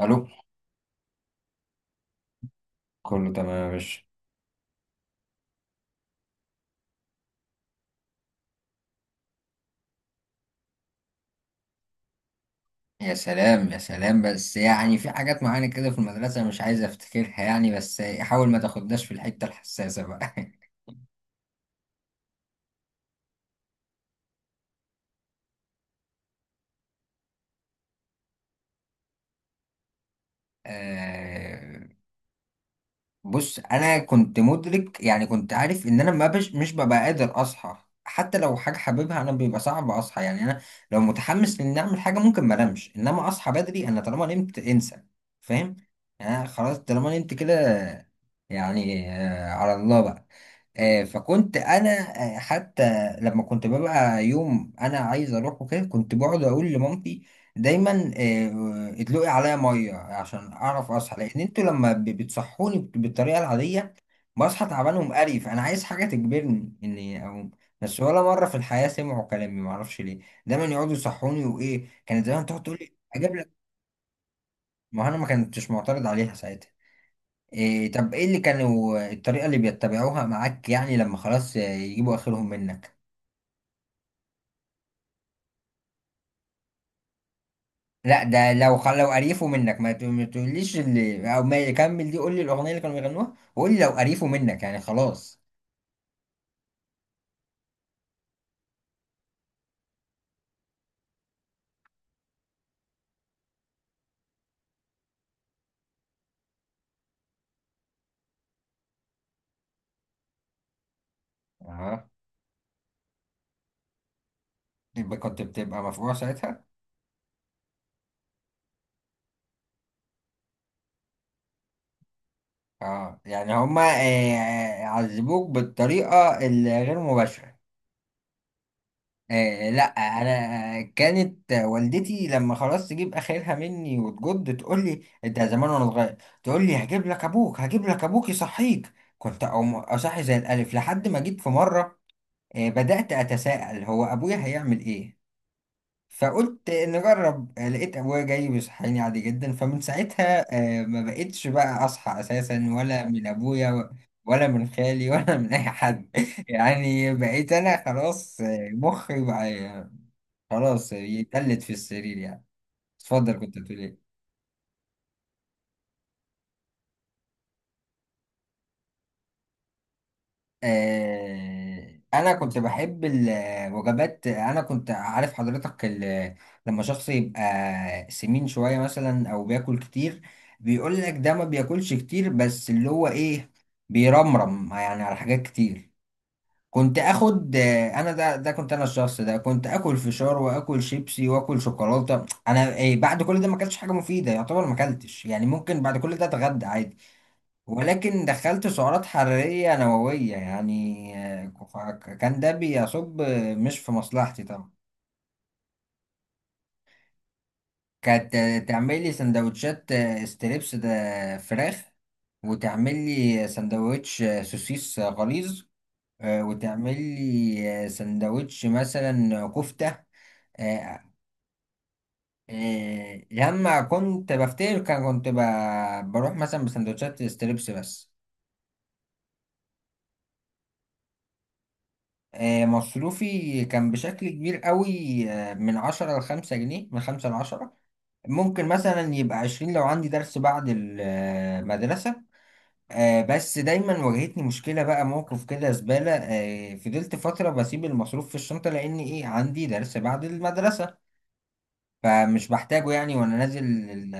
الو. كله تمام يا باشا. يا سلام يا سلام. بس يعني في حاجات معينة كده في المدرسة مش عايز افتكرها، يعني بس حاول ما تاخدناش في الحتة الحساسة بقى. آه، بص، انا كنت مدرك، يعني كنت عارف ان انا ما بش مش ببقى قادر اصحى. حتى لو حاجة حاببها انا بيبقى صعب اصحى، يعني انا لو متحمس لاني اعمل حاجة ممكن ما انامش، انما اصحى بدري. انا طالما نمت انسى، فاهم؟ يعني أنا خلاص طالما نمت كده. يعني على الله بقى. فكنت انا، حتى لما كنت ببقى يوم انا عايز اروح وكده كنت بقعد اقول لمامتي دايما، ادلقي عليا ميه عشان اعرف اصحى، لان انتوا لما بتصحوني بالطريقه العاديه بصحى تعبان ومقرف. انا عايز حاجه تجبرني اني اقوم. بس ولا مره في الحياه سمعوا كلامي، معرفش ليه، دايما يقعدوا يصحوني، وايه كانت دايما تقعد تقول لي اجيب لك. ما انا ما كنتش معترض عليها ساعتها. إيه طب ايه اللي كانوا الطريقة اللي بيتبعوها معاك، يعني لما خلاص يجيبوا اخرهم منك؟ لا ده لو قريفوا منك ما تقوليش اللي او ما يكمل، دي قول لي الاغنية اللي كانوا بيغنوها، وقول لي لو قريفوا منك يعني خلاص. اه، يبقى كنت بتبقى مفجوع ساعتها. اه، يعني هما إيه، عذبوك بالطريقة الغير مباشرة. آه لا، انا كانت والدتي لما خلاص تجيب اخرها مني وتجد تقول لي، انت زمان وانا صغير تقول لي هجيب لك ابوك هجيب لك ابوك يصحيك، كنت اقوم اصحي زي الالف، لحد ما جيت في مره بدات اتساءل هو ابويا هيعمل ايه، فقلت نجرب. لقيت ابويا جاي بيصحيني عادي جدا. فمن ساعتها ما بقتش بقى اصحى اساسا، ولا من ابويا ولا من خالي ولا من اي حد. يعني بقيت انا خلاص، مخي بقى خلاص يتلت في السرير يعني. اتفضل، كنت بتقول ايه؟ انا كنت بحب الوجبات. انا كنت عارف حضرتك، لما شخص يبقى سمين شوية مثلا او بياكل كتير بيقول لك ده ما بياكلش كتير، بس اللي هو ايه، بيرمرم يعني على حاجات كتير. كنت اخد انا ده كنت انا الشخص ده، كنت اكل فشار واكل شيبسي واكل شوكولاتة. انا إيه، بعد كل ده ما اكلتش حاجة مفيدة، يعتبر ما اكلتش يعني. ممكن بعد كل ده اتغدى عادي، ولكن دخلت سعرات حرارية نووية يعني. كان ده بيصب مش في مصلحتي طبعا. كانت تعمل لي سندوتشات ستريبس، ده فراخ، وتعمل لي سندوتش سوسيس غليظ، وتعمل لي سندوتش مثلا كفتة. آه، لما كنت بفتكر كنت بروح مثلا بسندوتشات ستريبس بس. مصروفي كان بشكل كبير قوي، من 10 ل5 جنيه، من 5 ل10. ممكن مثلا يبقى 20 لو عندي درس بعد المدرسة. بس دايما واجهتني مشكلة بقى، موقف كده زبالة. فضلت فترة بسيب المصروف في الشنطة، لأن إيه، عندي درس بعد المدرسة فمش بحتاجه يعني. وأنا نازل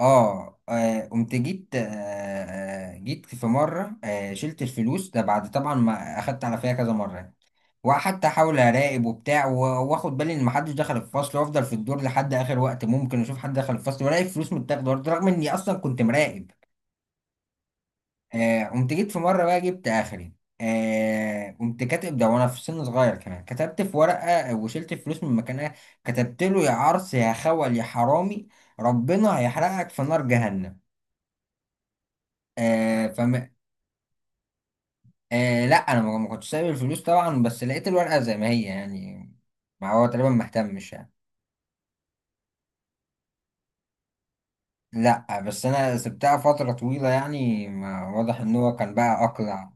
قمت جيت آه، آه، جيت في مرة شلت الفلوس. ده بعد طبعا ما أخدت على فيها كذا مرة، وحتى احاول اراقب وبتاع واخد بالي ان محدش دخل الفصل، وافضل في الدور لحد اخر وقت ممكن اشوف حد دخل الفصل، والاقي فلوس متاخده برضه، رغم اني اصلا كنت مراقب. قمت جيت في مره بقى جبت اخري. قمت كاتب، ده وانا في سن صغير كمان، كتبت في ورقه وشلت فلوس من مكانها. كتبت له يا عرس يا خول يا حرامي، ربنا هيحرقك في نار جهنم. آه فم... آه لا، انا ما كنتش سايب الفلوس طبعا، بس لقيت الورقه زي ما هي يعني. ما هو تقريبا مهتمش يعني. لا، بس انا سبتها فترة طويلة، يعني ما واضح ان هو كان بقى اقلع.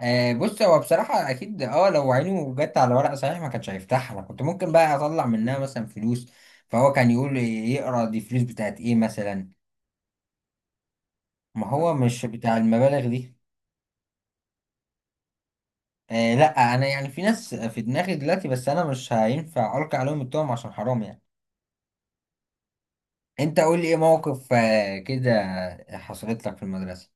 بص، هو بصراحة اكيد، اه، لو عينه جت على ورق صحيح ما كانش هيفتحها. انا كنت ممكن بقى اطلع منها مثلا فلوس، فهو كان يقول يقرا دي فلوس بتاعت ايه مثلا. ما هو مش بتاع المبالغ دي. آه لا، انا يعني في ناس في دماغي دلوقتي، بس انا مش هينفع القي عليهم التهم عشان حرام يعني. انت قول لي ايه موقف كده حصلت لك في المدرسة.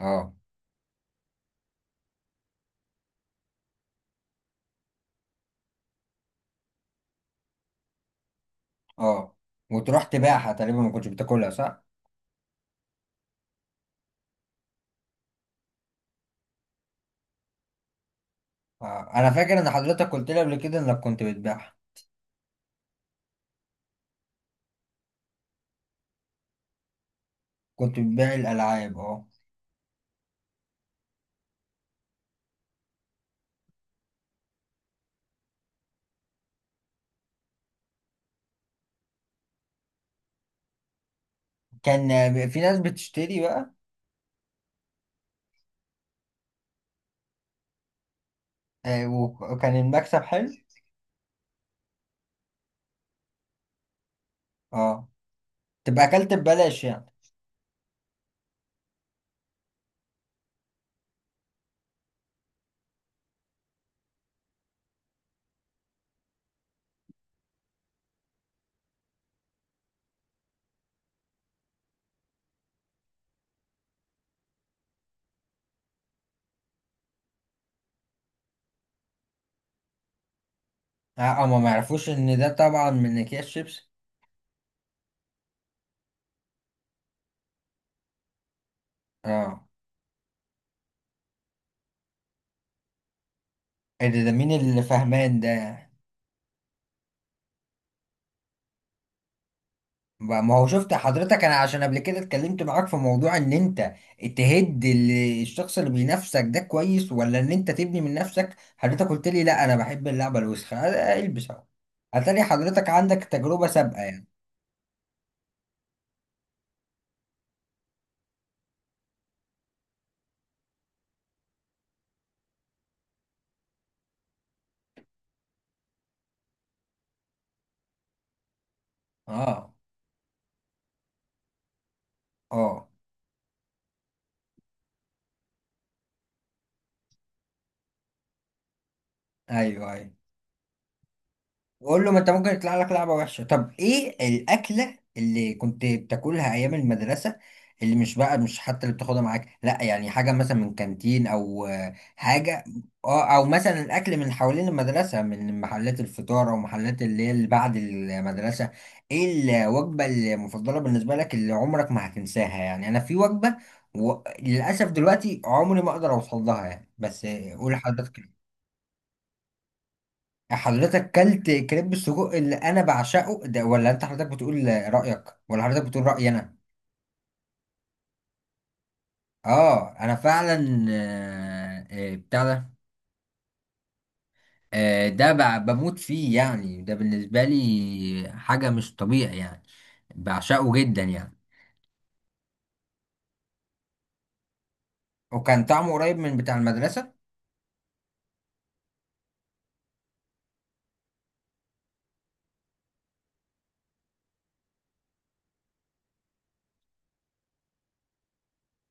اه، اه، وتروح تبيعها. تقريبا ما كنتش بتاكلها، صح؟ انا فاكر ان حضرتك قلت لي قبل كده انك كنت بتبيعها. كنت بتبيع الالعاب، اه. كان في ناس بتشتري بقى. وكان المكسب حلو. اه، تبقى اكلت ببلاش يعني. اه، هما ما يعرفوش ان ده طبعا من اكياس شيبس. اه، إيه ده، ده مين اللي فاهمان ده؟ ما هو شفت، حضرتك انا عشان قبل كده اتكلمت معاك في موضوع ان انت تهد الشخص اللي بينافسك ده كويس، ولا ان انت تبني من نفسك، حضرتك قلت لي لا انا بحب اللعبة الوسخة، البس اهو. اتاري حضرتك عندك تجربة سابقة يعني. اه، اه، ايوه، ايوه. بقول له، ما انت ممكن يطلع لك لعبه وحشه. طب ايه الاكله اللي كنت بتاكلها ايام المدرسه، اللي مش بقى مش حتى اللي بتاخدها معاك، لا يعني حاجه مثلا من كانتين، او حاجه، اه، او مثلا الاكل من حوالين المدرسه، من محلات الفطار او محلات اللي هي اللي بعد المدرسه. ايه الوجبه المفضله بالنسبه لك اللي عمرك ما هتنساها؟ يعني انا في وجبه للاسف دلوقتي عمري ما اقدر اوصل لها يعني، بس قول لحضرتك. حضرتك كلت كريب السجق اللي انا بعشقه ده؟ ولا انت حضرتك بتقول رأيك، ولا حضرتك بتقول رأيي انا؟ اه، انا فعلا بتاع ده، ده بموت فيه يعني. ده بالنسبة لي حاجة مش طبيعي يعني، بعشقه جدا يعني. وكان طعمه قريب من بتاع المدرسة.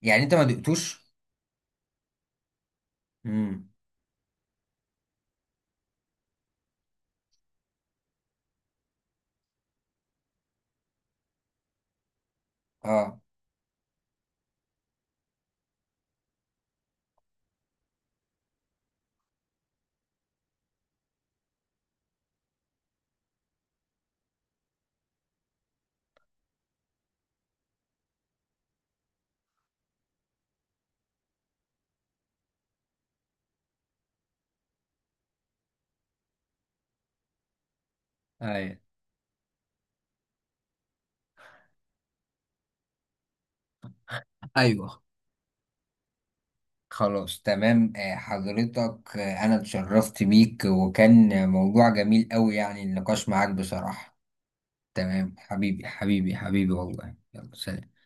يعني انت ما دقتوش. امم. اه، ايوه، ايوه. خلاص، تمام. حضرتك، انا اتشرفت بيك وكان موضوع جميل قوي، يعني النقاش معاك بصراحة. تمام، حبيبي حبيبي حبيبي والله، يلا سلام.